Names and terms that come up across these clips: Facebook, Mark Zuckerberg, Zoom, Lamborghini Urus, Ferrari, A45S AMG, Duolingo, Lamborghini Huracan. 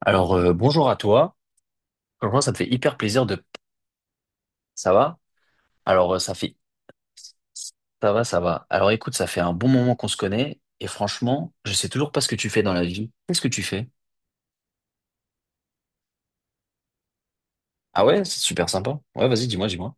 Alors, bonjour à toi. Franchement, ça me fait hyper plaisir de. Ça va? Alors, ça fait. Ça va, ça va. Alors, écoute, ça fait un bon moment qu'on se connaît et franchement, je sais toujours pas ce que tu fais dans la vie. Qu'est-ce que tu fais? Ah ouais, c'est super sympa. Ouais, vas-y, dis-moi, dis-moi.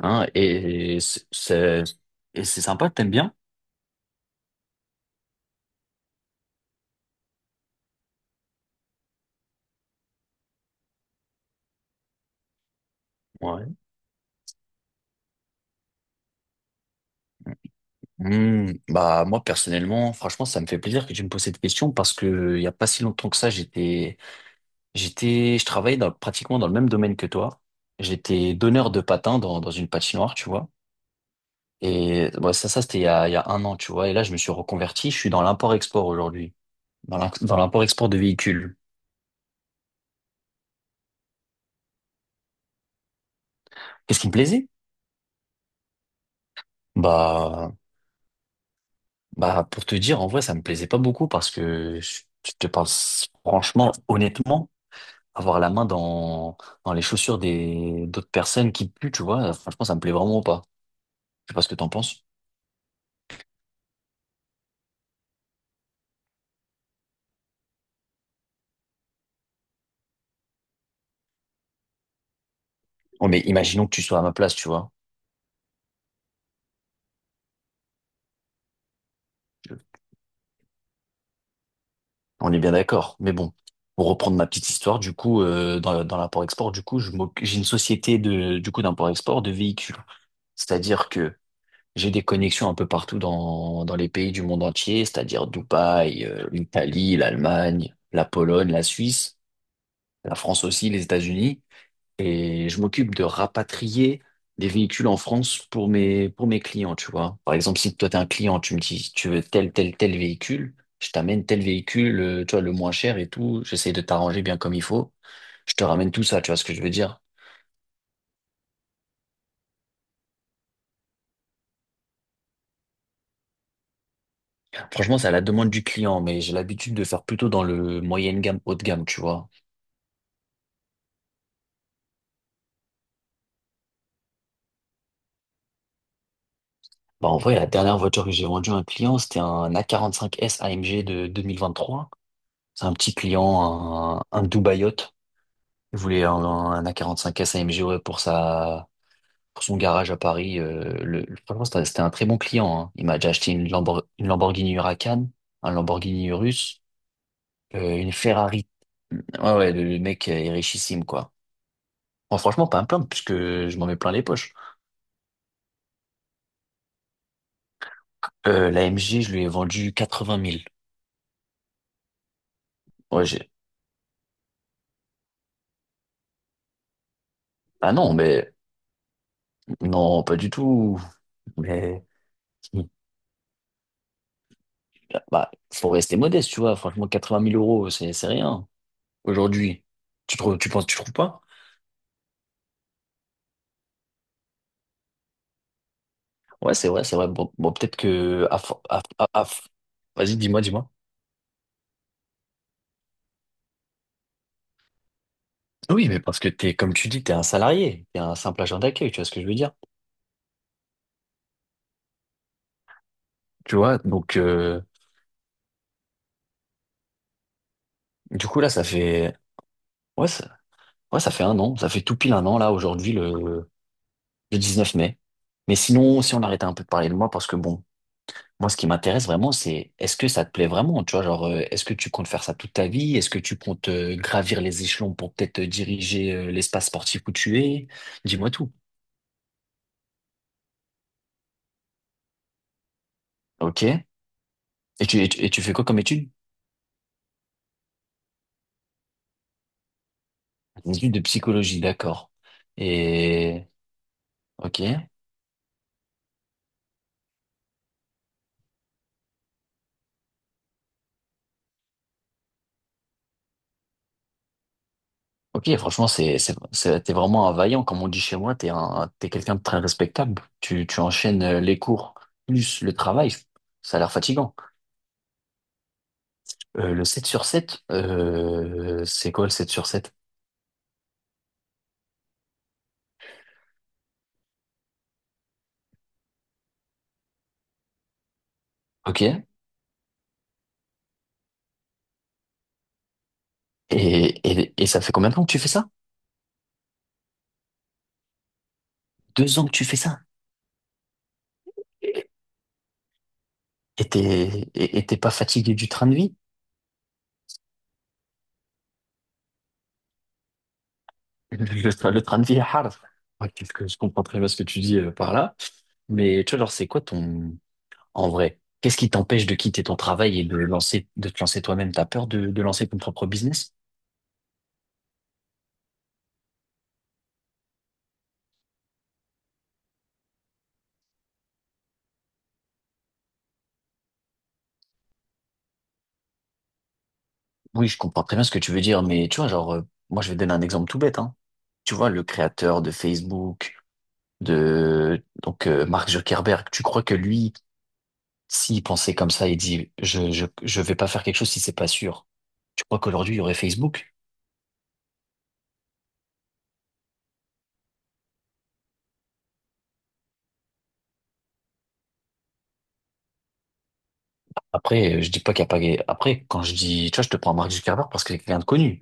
Hein, et c'est sympa, t'aimes bien? Ouais. Bah moi personnellement, franchement, ça me fait plaisir que tu me poses cette question parce que il y a pas si longtemps que ça, je travaillais dans, pratiquement dans le même domaine que toi. J'étais donneur de patins dans, une patinoire, tu vois. Et bon, ça c'était il y a 1 an, tu vois. Et là, je me suis reconverti. Je suis dans l'import-export aujourd'hui, dans l'import-export de véhicules. Qu'est-ce qui me plaisait? Bah, bah, pour te dire, en vrai, ça me plaisait pas beaucoup parce que je te parle franchement, honnêtement, avoir la main dans, les chaussures d'autres personnes qui puent, tu vois, franchement, ça me plaît vraiment pas. Je sais pas ce que t'en penses. Oh, mais imaginons que tu sois à ma place, tu vois. On est bien d'accord. Mais bon, pour reprendre ma petite histoire, du coup, dans, l'import-export, du coup, j'ai une société du coup, d'import-export de véhicules. C'est-à-dire que j'ai des connexions un peu partout dans les pays du monde entier, c'est-à-dire Dubaï, l'Italie, l'Allemagne, la Pologne, la Suisse, la France aussi, les États-Unis. Et je m'occupe de rapatrier des véhicules en France pour mes clients, tu vois. Par exemple, si toi, t'es un client, tu me dis, tu veux tel, tel, tel véhicule, je t'amène tel véhicule, tu vois, le moins cher et tout. J'essaie de t'arranger bien comme il faut. Je te ramène tout ça, tu vois ce que je veux dire. Franchement, c'est à la demande du client, mais j'ai l'habitude de faire plutôt dans le moyenne gamme, haut de gamme, tu vois. Bah, en vrai, la dernière voiture que j'ai vendue à un client, c'était un A45S AMG de 2023. C'est un petit client, un Dubaïot. Il voulait un, a cinq s AMG ouais, pour son garage à Paris. Franchement, c'était un très bon client. Hein. Il m'a déjà acheté une Lamborghini Huracan, un Lamborghini Urus, une Ferrari. Ouais, ouais, le mec est richissime, quoi. Bon, franchement, pas un plaindre, puisque je m'en mets plein les poches. L'AMG, je lui ai vendu 80 000. Ouais, j'ai. Ah non, mais non, pas du tout. Mais bah, faut rester modeste, tu vois. Franchement, 80 000 euros, c'est rien. Aujourd'hui, tu trouves, tu penses, tu trouves pas? Ouais, c'est vrai, c'est vrai. Bon, bon, peut-être que. À fo- à Vas-y, dis-moi, dis-moi. Oui, mais parce que t'es, comme tu dis, t'es un salarié, t'es un simple agent d'accueil, tu vois ce que je veux dire? Tu vois, donc du coup là, ça fait ouais, ça... ouais, ça fait 1 an, ça fait tout pile 1 an là aujourd'hui Le 19 mai. Mais sinon, si on arrêtait un peu de parler de moi, parce que bon, moi ce qui m'intéresse vraiment, c'est est-ce que ça te plaît vraiment, tu vois, genre est-ce que tu comptes faire ça toute ta vie? Est-ce que tu comptes gravir les échelons pour peut-être diriger l'espace sportif où tu es? Dis-moi tout. Ok. Et tu fais quoi comme étude? Une étude de psychologie, d'accord. Et, ok. Ok, franchement, t'es vraiment un vaillant, comme on dit chez moi, t'es quelqu'un de très respectable. Tu enchaînes les cours, plus le travail. Ça a l'air fatigant. Le 7 sur 7, c'est quoi le sept sur sept? Ok. Et ça fait combien de temps que tu fais ça? 2 ans que tu fais ça. Et t'es pas fatigué du train de vie? Le train de vie est hard. Ok, je comprends très bien ce que tu dis par là. Mais tu vois, genre, c'est quoi ton. En vrai, qu'est-ce qui t'empêche de quitter ton travail et de te lancer toi-même? T'as peur de lancer ton propre business? Oui, je comprends très bien ce que tu veux dire, mais tu vois, genre, moi, je vais te donner un exemple tout bête, hein. Tu vois, le créateur de Facebook, donc, Mark Zuckerberg, tu crois que lui, s'il pensait comme ça, il dit, je vais pas faire quelque chose si c'est pas sûr. Tu crois qu'aujourd'hui, il y aurait Facebook? Après, je dis pas qu'il y a pas. Après, quand je dis, tu vois, je te prends Mark Zuckerberg parce que c'est quelqu'un de connu.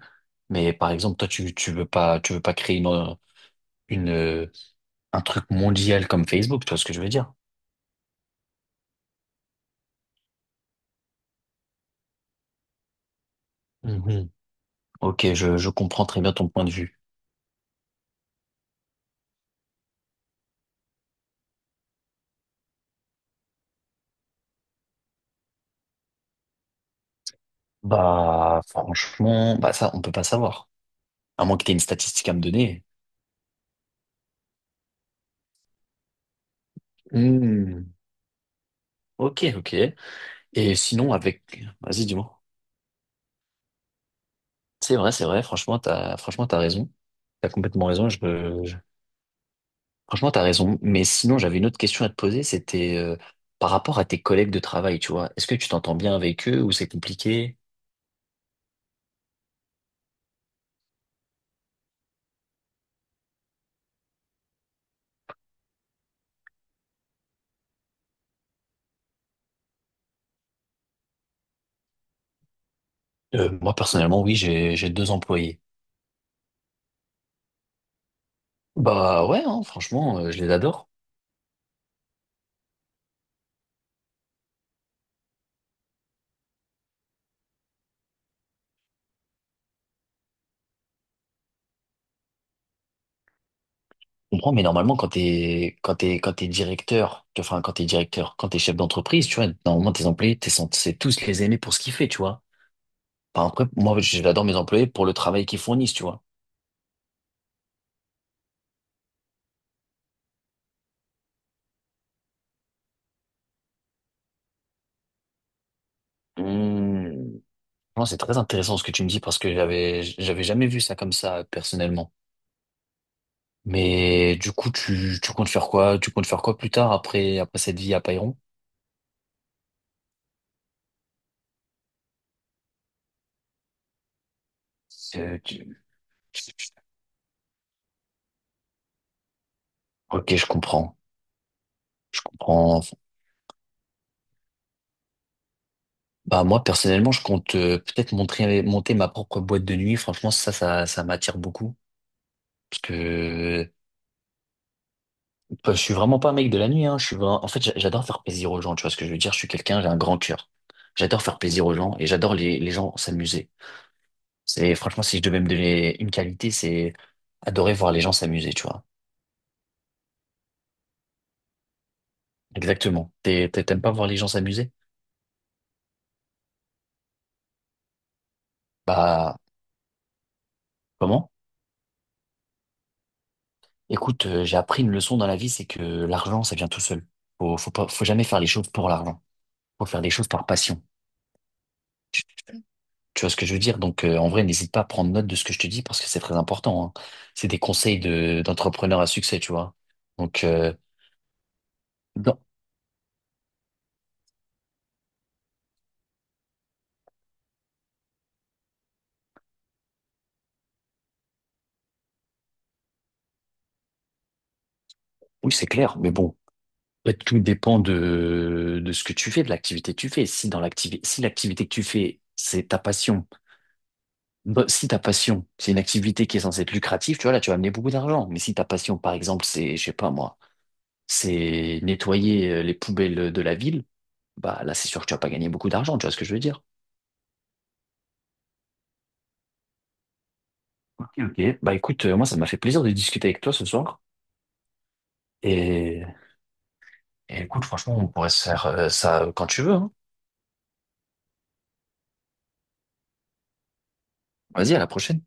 Mais par exemple, toi, tu veux pas, tu veux pas, créer une, euh, un truc mondial comme Facebook, tu vois ce que je veux dire? Mhm. Ok, je comprends très bien ton point de vue. Bah, franchement, bah ça, on peut pas savoir. À moins que tu aies une statistique à me donner. Hmm, Ok, ok. Et sinon, vas-y, dis-moi. C'est vrai, c'est vrai. Franchement, t'as raison. T'as complètement raison. Franchement, t'as raison. Mais sinon, j'avais une autre question à te poser. C'était par rapport à tes collègues de travail, tu vois. Est-ce que tu t'entends bien avec eux ou c'est compliqué? Moi, personnellement, oui, j'ai 2 employés. Bah ouais, hein, franchement, je les adore. Je comprends, mais normalement, quand t'es, directeur, tu enfin, quand t'es chef d'entreprise, tu vois, normalement, tes employés, t'es censé tous les aimer pour ce qu'ils font, tu vois. Enfin, après, moi, j'adore mes employés pour le travail qu'ils fournissent, tu vois. Hum. Non, c'est très intéressant ce que tu me dis parce que j'avais jamais vu ça comme ça, personnellement. Mais du coup, tu comptes faire quoi? Tu comptes faire quoi plus tard après cette vie à Payron? Euh, tu- Ok, je comprends. Je comprends. Bah moi personnellement, je compte peut-être monter ma propre boîte de nuit. Franchement, ça m'attire beaucoup parce que bah, je suis vraiment pas un mec de la nuit hein. Je suis en fait, j'adore faire plaisir aux gens, tu vois ce que je veux dire? Je suis quelqu'un, j'ai un grand cœur. J'adore faire plaisir aux gens et j'adore les gens s'amuser. C'est franchement si je devais me donner une qualité, c'est adorer voir les gens s'amuser, tu vois. Exactement. T'aimes pas voir les gens s'amuser? Bah, comment? Écoute, j'ai appris une leçon dans la vie, c'est que l'argent, ça vient tout seul. Faut jamais faire les choses pour l'argent. Faut faire les choses par passion. Tu vois ce que je veux dire? Donc, en vrai, n'hésite pas à prendre note de ce que je te dis parce que c'est très important, hein. C'est des conseils d'entrepreneurs à succès, tu vois. Donc, non. Oui, c'est clair, mais bon. En fait, tout dépend de ce que tu fais, de l'activité que tu fais. Si l'activité que tu fais, c'est ta passion, bah, si ta passion, c'est une activité qui est censée être lucrative, tu vois, là, tu vas amener beaucoup d'argent. Mais si ta passion, par exemple, c'est, je sais pas moi, c'est nettoyer les poubelles de la ville, bah là, c'est sûr que tu vas pas gagner beaucoup d'argent, tu vois ce que je veux dire? Ok, ok. Bah écoute, moi, ça m'a fait plaisir de discuter avec toi ce soir. Et, et écoute, franchement, on pourrait se faire ça quand tu veux, hein. Vas-y, à la prochaine.